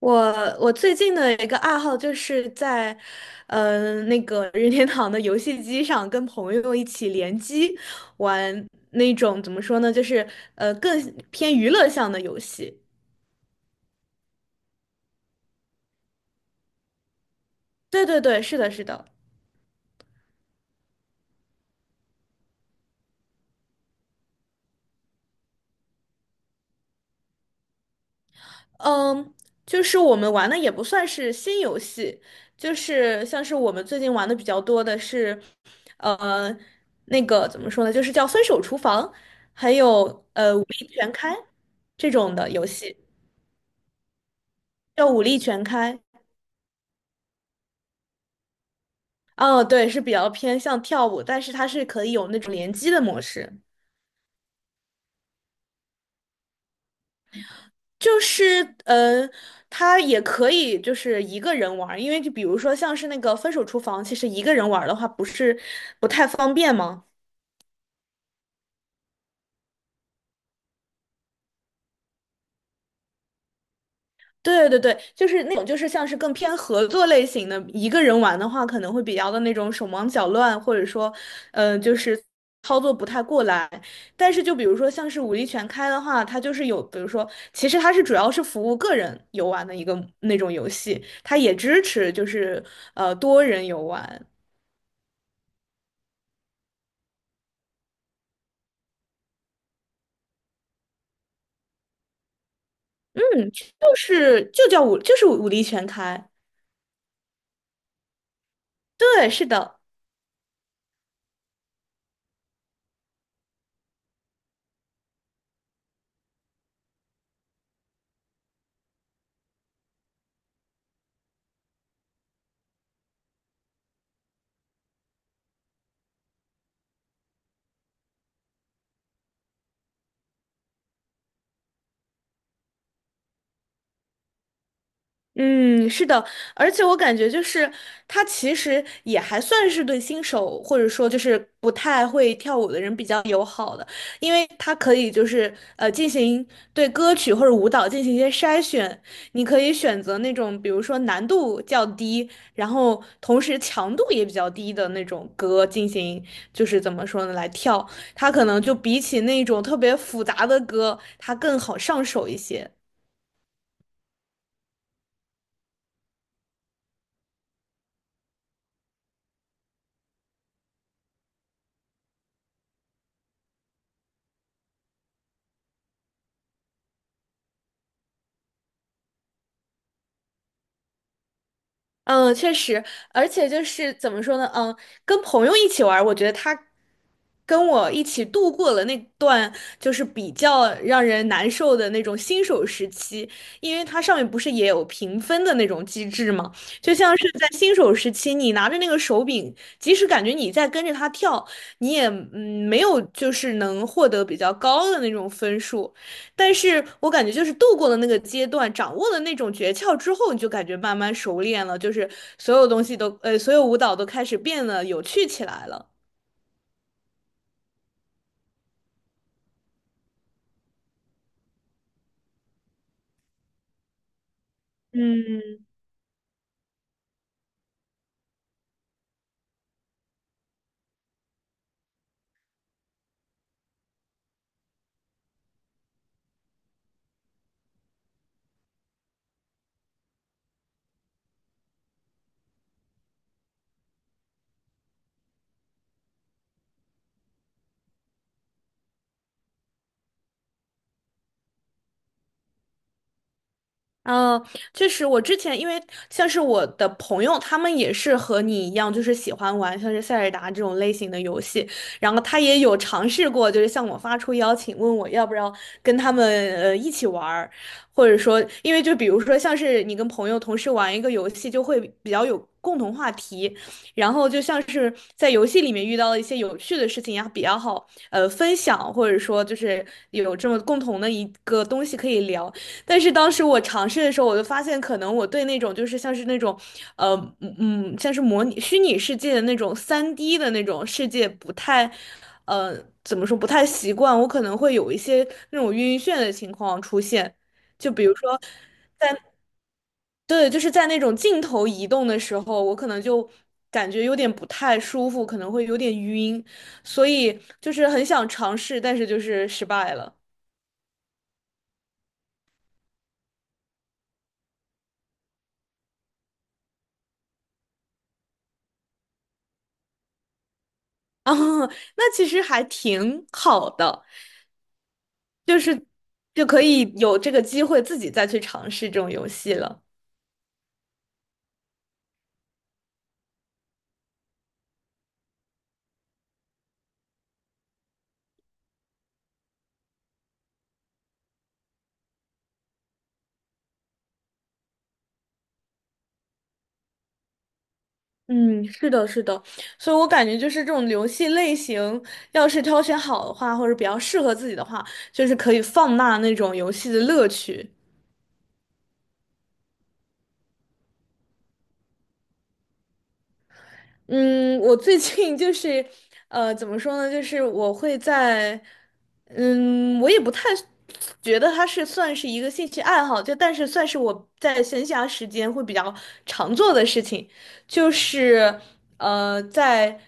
我我最近的一个爱好就是在那个任天堂的游戏机上跟朋友一起联机玩那种怎么说呢，就是更偏娱乐向的游戏。对对对，是的，是的，嗯，就是我们玩的也不算是新游戏，就是像是我们最近玩的比较多的是，呃，那个怎么说呢，就是叫《分手厨房》，还有《武力全开》这种的游戏。要武力全开。哦，对，是比较偏向跳舞，但是它是可以有那种联机的模式，就是它也可以就是一个人玩儿，因为就比如说像是那个分手厨房，其实一个人玩儿的话不是不太方便吗？对对对，就是那种，就是像是更偏合作类型的，一个人玩的话，可能会比较的那种手忙脚乱，或者说，就是操作不太过来。但是就比如说像是武力全开的话，它就是有，比如说，其实它是主要是服务个人游玩的一个那种游戏，它也支持就是多人游玩，就是武力全开，对，是的。嗯，是的，而且我感觉就是他其实也还算是对新手或者说就是不太会跳舞的人比较友好的，因为他可以就是进行对歌曲或者舞蹈进行一些筛选，你可以选择那种比如说难度较低，然后同时强度也比较低的那种歌进行就是怎么说呢来跳，它可能就比起那种特别复杂的歌，它更好上手一些。嗯，确实，而且就是怎么说呢，跟朋友一起玩儿我觉得他跟我一起度过了那段就是比较让人难受的那种新手时期，因为它上面不是也有评分的那种机制嘛，就像是在新手时期，你拿着那个手柄，即使感觉你在跟着他跳，你也没有就是能获得比较高的那种分数。但是我感觉就是度过了那个阶段，掌握了那种诀窍之后，你就感觉慢慢熟练了，就是所有舞蹈都开始变得有趣起来了。嗯，嗯，确实，我之前因为像是我的朋友，他们也是和你一样，就是喜欢玩像是塞尔达这种类型的游戏，然后他也有尝试过，就是向我发出邀请，问我要不要跟他们一起玩儿或者说，因为就比如说像是你跟朋友同时玩一个游戏，就会比较有共同话题，然后就像是在游戏里面遇到了一些有趣的事情呀，比较好分享，或者说就是有这么共同的一个东西可以聊。但是当时我尝试的时候，我就发现，可能我对那种就是像是那种，呃，像是模拟虚拟世界的那种3D 的那种世界不太，呃，怎么说不太习惯，我可能会有一些那种晕眩的情况出现。就比如说，对，就是在那种镜头移动的时候，我可能就感觉有点不太舒服，可能会有点晕，所以就是很想尝试，但是就是失败了。啊，那其实还挺好的。就是就可以有这个机会自己再去尝试这种游戏了。嗯，是的，是的，所以我感觉就是这种游戏类型，要是挑选好的话，或者比较适合自己的话，就是可以放大那种游戏的乐趣。嗯，我最近就是，怎么说呢？就是我会在，我也不太觉得它是算是一个兴趣爱好，就但是算是我在闲暇时间会比较常做的事情，就是，在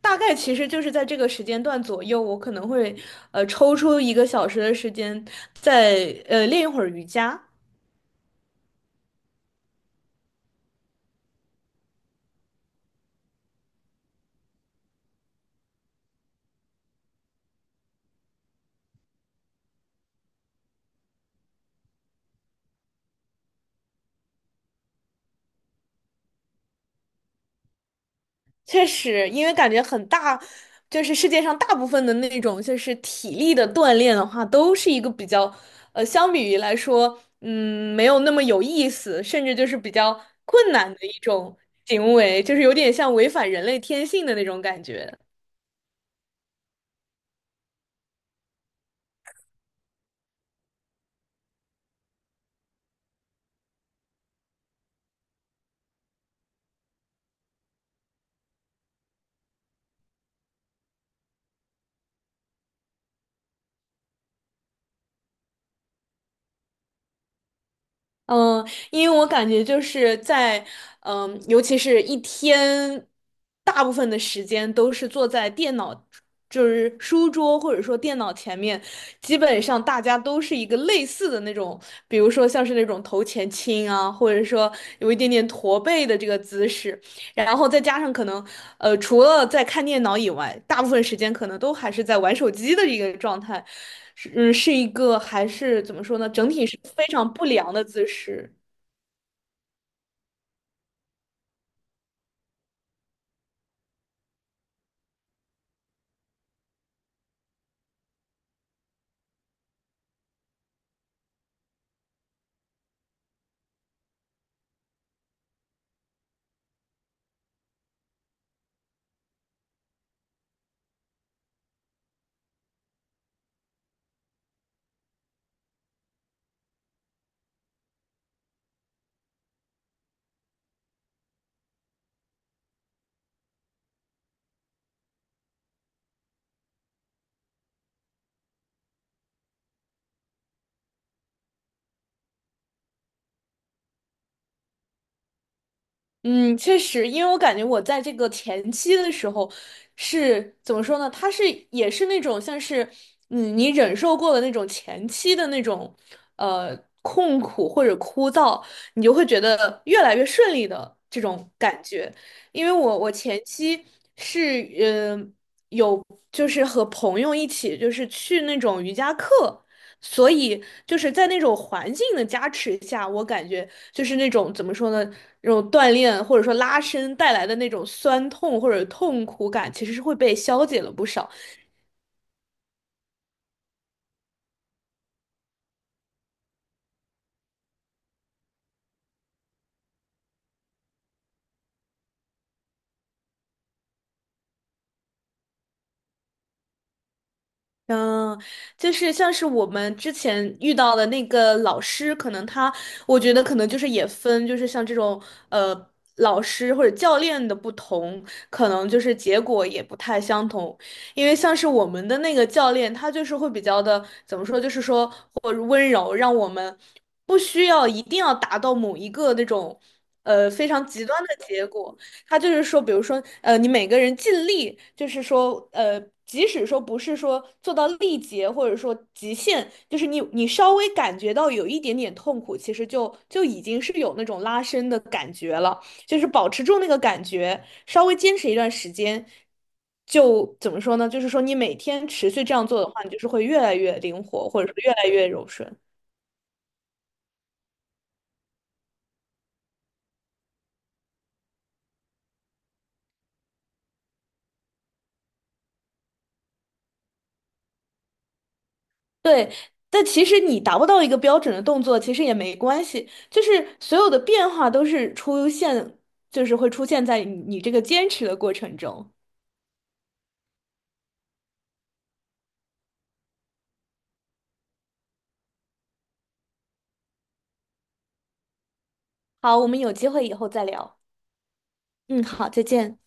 大概其实就是在这个时间段左右，我可能会抽出1个小时的时间，再练一会儿瑜伽。确实，因为感觉很大，就是世界上大部分的那种就是体力的锻炼的话，都是一个比较，相比于来说，没有那么有意思，甚至就是比较困难的一种行为，就是有点像违反人类天性的那种感觉。嗯，因为我感觉就是在，尤其是一天，大部分的时间都是坐在电脑，就是书桌或者说电脑前面，基本上大家都是一个类似的那种，比如说像是那种头前倾啊，或者说有一点点驼背的这个姿势。然后再加上可能，除了在看电脑以外，大部分时间可能都还是在玩手机的一个状态，是一个还是怎么说呢？整体是非常不良的姿势。嗯，确实，因为我感觉我在这个前期的时候是怎么说呢？它是也是那种像是你忍受过的那种前期的那种呃痛苦或者枯燥，你就会觉得越来越顺利的这种感觉。因为我前期是嗯。呃就是和朋友一起，就是去那种瑜伽课，所以就是在那种环境的加持下，我感觉就是那种怎么说呢，那种锻炼或者说拉伸带来的那种酸痛或者痛苦感，其实是会被消解了不少。嗯，就是像是我们之前遇到的那个老师，可能他，我觉得可能就是也分，就是像这种呃老师或者教练的不同，可能就是结果也不太相同。因为像是我们的那个教练，他就是会比较的怎么说，就是说或者温柔，让我们不需要一定要达到某一个那种非常极端的结果。他就是说，比如说，你每个人尽力，就是说，即使说不是说做到力竭，或者说极限，就是你稍微感觉到有一点点痛苦，其实就已经是有那种拉伸的感觉了，就是保持住那个感觉，稍微坚持一段时间，就怎么说呢？就是说你每天持续这样做的话，你就是会越来越灵活，或者说越来越柔顺。对，但其实你达不到一个标准的动作，其实也没关系，就是所有的变化都是出现，就是会出现在你这个坚持的过程中。好，我们有机会以后再聊。嗯，好，再见。